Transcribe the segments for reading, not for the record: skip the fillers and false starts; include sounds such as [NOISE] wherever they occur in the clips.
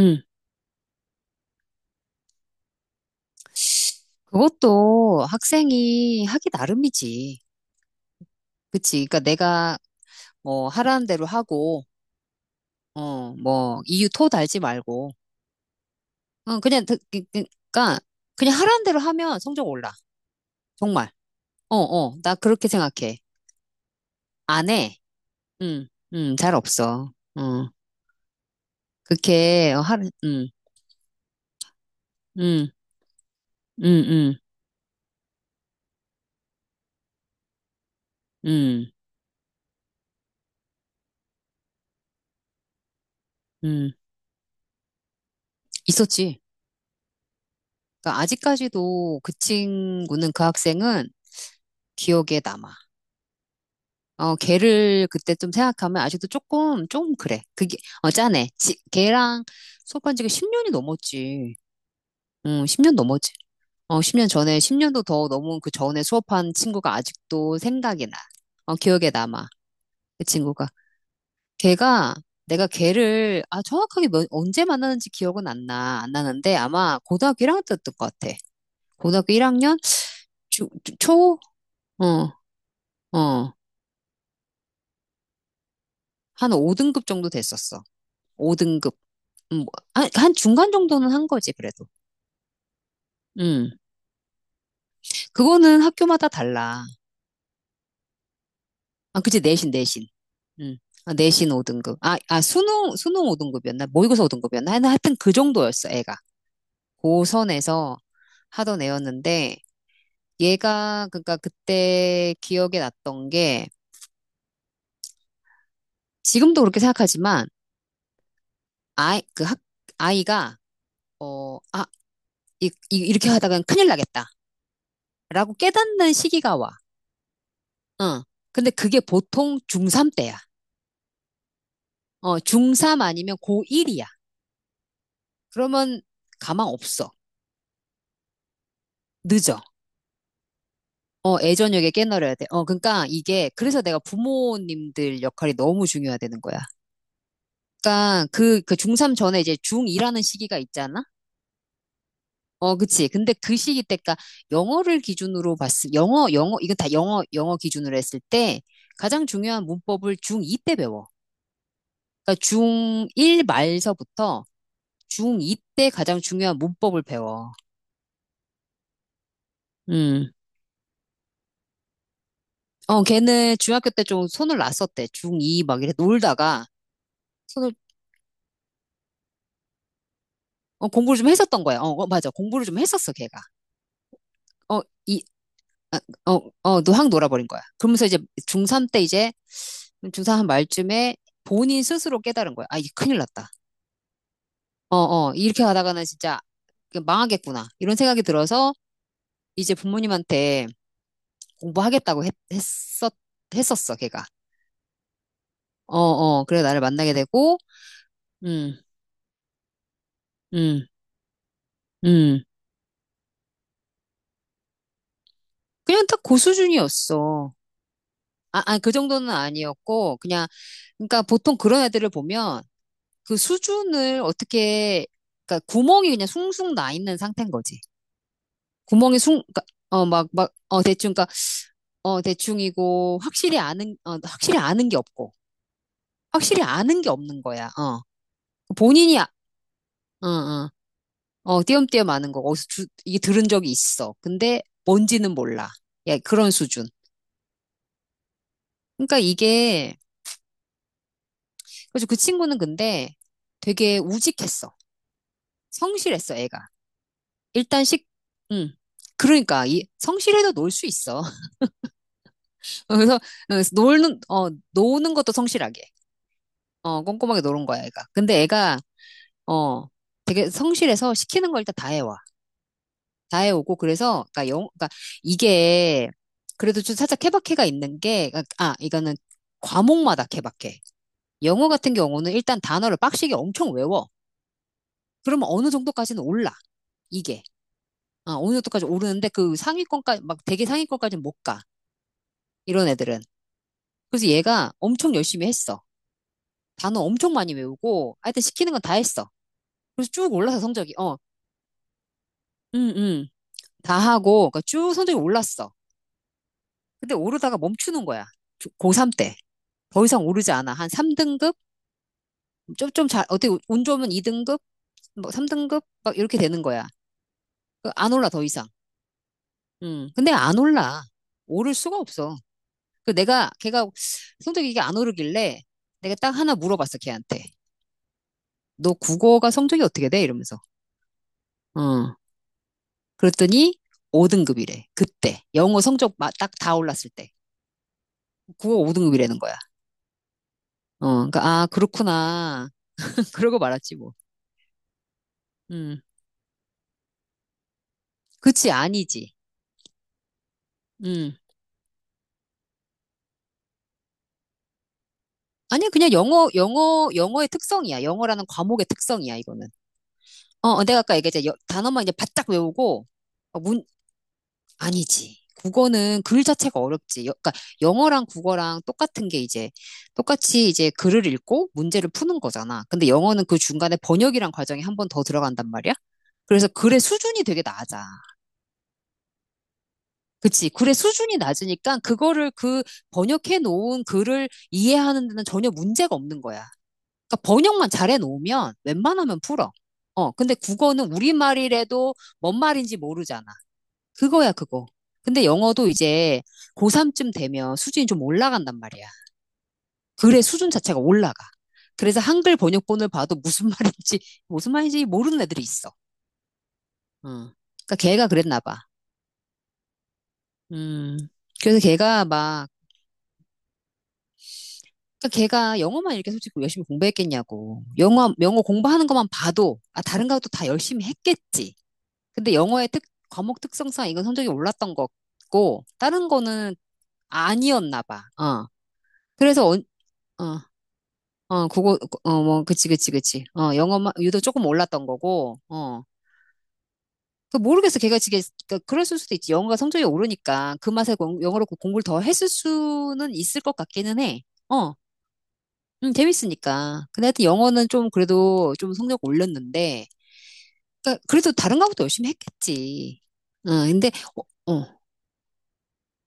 응, 그것도 학생이 하기 나름이지. 그치? 그러니까 내가 뭐 하라는 대로 하고, 뭐 이유 토 달지 말고, 어, 그냥 그- 그- 그러니까 그냥 하라는 대로 하면 성적 올라. 정말. 나 그렇게 생각해. 안 해. 응, 응, 잘 없어. 어, 그렇게 하, 응, 응, 응, 응, 응, 응, 있었지. 그러니까 아직까지도 그 친구는 그 학생은 기억에 남아. 걔를 그때 좀 생각하면 아직도 조금, 조금 그래. 짠해. 걔랑 수업한 지가 10년이 넘었지. 응, 10년 넘었지. 어, 10년 전에, 10년도 더 넘은 그 전에 수업한 친구가 아직도 생각이 나. 기억에 남아. 그 친구가. 걔가, 내가 걔를, 아, 정확하게 몇- 언제 만났는지 기억은 안 나. 안 나는데 아마 고등학교 1학년 때였던 것 같아. 고등학교 1학년? 초, 초? 어, 어. 한 5등급 정도 됐었어. 5등급. 뭐, 한 중간 정도는 한 거지, 그래도. 음, 그거는 학교마다 달라. 아, 그치, 내신, 내신. 음, 내신 5등급. 수능 5등급이었나? 모의고사 5등급이었나? 하여튼 그 정도였어, 애가. 고선에서 하던 애였는데, 그러니까 그때 기억에 났던 게, 지금도 그렇게 생각하지만, 아이, 그 학, 아이가, 어, 아, 이, 이, 이렇게 하다간 큰일 나겠다 라고 깨닫는 시기가 와. 응. 근데 그게 보통 중3 때야. 어, 중3 아니면 고1이야. 그러면 가망 없어. 늦어. 어, 애저녁에 깨너려야 돼. 어, 그러니까 이게, 그래서 내가 부모님들 역할이 너무 중요하다는 거야. 그러니까 그 중3 전에 이제 중2라는 시기가 있잖아? 어, 그치. 근데 그 시기 때가 영어를 기준으로 봤을, 영어, 영어, 이건 다 영어, 영어 기준으로 했을 때 가장 중요한 문법을 중2 때 배워. 그러니까 중1 말서부터 중2 때 가장 중요한 문법을 배워. 음. 어, 걔는 중학교 때 좀 손을 놨었대. 중2 막 이래 놀다가 손을, 공부를 좀 했었던 거야. 어, 어, 맞아. 공부를 좀 했었어, 걔가. 어, 이, 아, 어, 어, 너 확 놀아버린 거야. 그러면서 중3 때 이제, 중3 한 말쯤에 본인 스스로 깨달은 거야. 아, 이게 큰일 났다. 어, 어, 이렇게 가다가는 진짜 그 망하겠구나. 이런 생각이 들어서 이제 부모님한테 공부하겠다고 했었어, 걔가. 어, 어, 그래 나를 만나게 되고, 음, 음, 음. 그냥 딱 그 수준이었어. 그 정도는 아니었고, 그냥, 그러니까 보통 그런 애들을 보면 그 수준을 어떻게, 그러니까 구멍이 그냥 숭숭 나 있는 상태인 거지. 구멍이 숭, 그러니까, 어, 막, 막, 어, 대충, 그러니까, 대충이고, 확실히 아는 게 없고, 확실히 아는 게 없는 거야, 어. 본인이, 아, 어, 어, 어, 띄엄띄엄 아는 거, 이게 들은 적이 있어. 근데 뭔지는 몰라. 야, 그런 수준. 그러니까 이게, 그래서 그 친구는 근데 되게 우직했어. 성실했어, 애가. 일단 식, 음. 그러니까 이 성실해도 놀 수 있어. [LAUGHS] 그래서 어, 놀는 어 노는 것도 성실하게 꼼꼼하게 노는 거야 애가. 근데 애가 어 되게 성실해서 시키는 걸 일단 다 해와. 다 해오고 그래서 그러니까 이게 그래도 좀 살짝 케바케가 있는 게 그러니까, 아 이거는 과목마다 케바케. 영어 같은 경우는 일단 단어를 빡시게 엄청 외워. 그러면 어느 정도까지는 올라 이게. 아, 어느 정도까지 오르는데 그 상위권까지 막 되게 상위권까지는 못 가. 이런 애들은. 그래서 얘가 엄청 열심히 했어. 단어 엄청 많이 외우고, 하여튼 시키는 건 다 했어. 그래서 쭉 올라서 성적이, 어, 응, 응, 다 하고, 그러니까 쭉 성적이 올랐어. 근데 오르다가 멈추는 거야. 고3 때. 더 이상 오르지 않아. 한 3등급? 어떻게, 운 좋으면 2등급? 뭐 3등급? 막 이렇게 되는 거야. 그안 올라, 더 이상. 근데 안 올라. 오를 수가 없어. 걔가 성적이 이게 안 오르길래 내가 딱 하나 물어봤어, 걔한테. 너 국어가 성적이 어떻게 돼? 이러면서. 어. 그랬더니 5등급이래. 그때. 영어 성적 딱 다 올랐을 때. 국어 5등급이라는 거야. 그러니까 아, 그렇구나. [LAUGHS] 그러고 말았지 뭐. 음. 그치, 아니지. 음. 아니, 영어의 특성이야. 영어라는 과목의 특성이야, 이거는. 어, 어, 내가 아까 얘기했잖아. 단어만 이제 바짝 외우고, 어, 문, 아니지. 국어는 글 자체가 어렵지. 그러니까 영어랑 국어랑 똑같은 게 이제, 똑같이 이제 글을 읽고 문제를 푸는 거잖아. 근데 영어는 그 중간에 번역이란 과정이 한 번 더 들어간단 말이야. 그래서 글의 수준이 되게 낮아. 그치. 글의 수준이 낮으니까 그거를 그 번역해 놓은 글을 이해하는 데는 전혀 문제가 없는 거야. 그러니까 번역만 잘해 놓으면 웬만하면 풀어. 근데 국어는 우리말이라도 뭔 말인지 모르잖아. 그거야, 그거. 근데 영어도 이제 고3쯤 되면 수준이 좀 올라간단 말이야. 글의 수준 자체가 올라가. 그래서 한글 번역본을 봐도 무슨 [LAUGHS] 말인지, 무슨 말인지 모르는 애들이 있어. 어. 그러니까 걔가 그랬나 봐. 음. 그래서 걔가 막 그러니까 걔가 영어만 이렇게 솔직히 열심히 공부했겠냐고. 영어 공부하는 것만 봐도, 아, 다른 것도 다 열심히 했겠지. 근데 과목 특성상 이건 성적이 올랐던 거고, 다른 거는 아니었나 봐. 어. 그래서, 어, 어, 어, 그거, 어, 뭐, 그치. 어, 영어만, 유도 조금 올랐던 거고, 어. 모르겠어. 그러니까 그랬을 수도 있지. 영어가 성적이 오르니까 그 맛에 영어로 공부를 더 했을 수는 있을 것 같기는 해. 어. 재밌으니까. 근데 하여튼 영어는 좀 그래도 좀 성적 올렸는데, 그러니까 그래도 다른 과목도 열심히 했겠지. 어, 근데, 어, 어,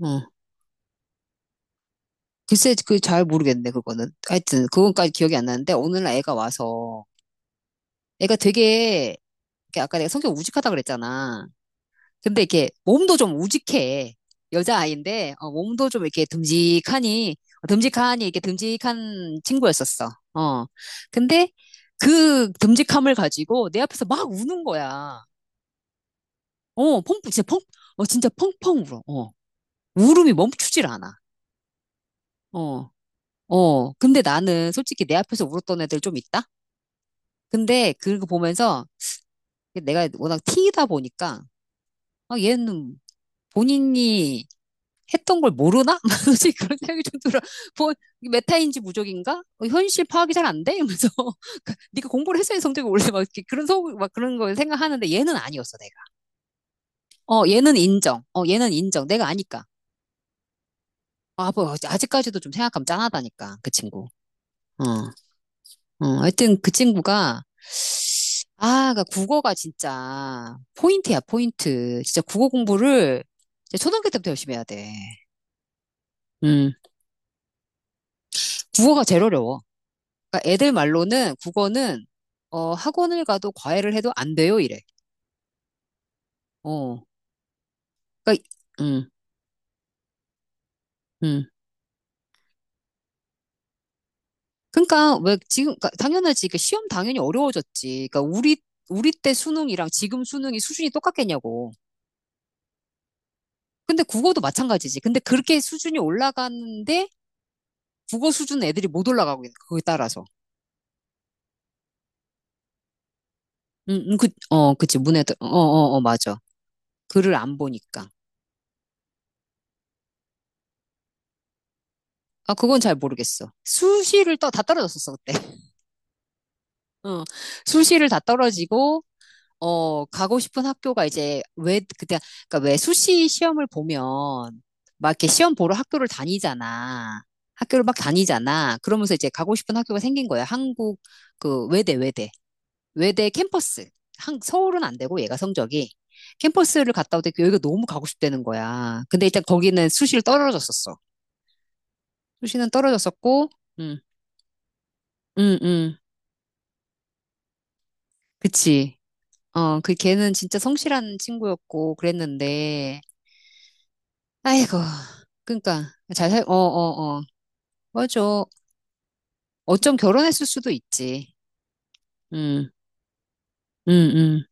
어. 글쎄, 그 잘 모르겠네, 그거는. 하여튼, 그건까지 기억이 안 나는데, 오늘날 애가 와서, 애가 되게, 이렇게 아까 내가 성격 우직하다 그랬잖아. 근데 이렇게 몸도 좀 우직해. 여자아이인데 몸도 좀 이렇게 듬직하니 듬직하니 이렇게 듬직한 친구였었어. 어. 근데 그 듬직함을 가지고 내 앞에서 막 우는 거야. 어, 펑펑 진짜 펑 어, 진짜 펑펑 울어. 어. 울음이 멈추질 않아. 어. 어. 근데 나는 솔직히 내 앞에서 울었던 애들 좀 있다. 근데 그거 보면서 내가 워낙 T이다 보니까 아, 얘는 본인이 했던 걸 모르나? [LAUGHS] 그런 생각이 좀 들어. 뭐, 메타인지 무적인가? 어, 현실 파악이 잘 안 돼? 이러면서. [LAUGHS] 네가 공부를 했어야 성적이 올래. 막 그런 걸 생각하는데 얘는 아니었어, 내가. 어, 얘는 인정. 어, 얘는 인정. 내가 아니까. 아, 뭐, 아직까지도 좀 생각하면 짠하다니까, 그 친구. 어, 어, 하여튼 그 친구가, 아, 그러니까 국어가 진짜 포인트야, 포인트. 진짜 국어 공부를 진짜 초등학교 때부터 열심히 해야 돼. 음, 국어가 제일 어려워. 그러니까 애들 말로는 국어는 학원을 가도 과외를 해도 안 돼요, 이래. 어. 그러니까 음. 음. 그러니까 왜 지금 그러니까 당연하지. 그러니까 시험 당연히 어려워졌지. 그러니까 우리 때 수능이랑 지금 수능이 수준이 똑같겠냐고. 근데 국어도 마찬가지지. 근데 그렇게 수준이 올라가는데 국어 수준 애들이 못 올라가고 있는 거야, 그거에 따라서. 그치. 문해도 어, 어, 어, 맞아. 글을 안 보니까. 아, 그건 잘 모르겠어. 다 떨어졌었어, 그때. [LAUGHS] 어. 수시를 다 떨어지고 가고 싶은 학교가 이제 왜 그때 그러니까 왜 수시 시험을 보면 막 이렇게 시험 보러 학교를 다니잖아. 학교를 막 다니잖아. 그러면서 이제 가고 싶은 학교가 생긴 거야. 한국 그 외대 외대 외대 캠퍼스. 한 서울은 안 되고 얘가 성적이 캠퍼스를 갔다 오더니 여기가 너무 가고 싶다는 거야. 근데 일단 거기는 수시를 떨어졌었어. 수시는 떨어졌었고, 음, 음, 음, 그치. 어, 그 걔는 진짜 성실한 친구였고 그랬는데. 아이고, 그러니까 잘 살, 어, 어, 어, 맞아. 어쩜 결혼했을 수도 있지. 음, 음, 음.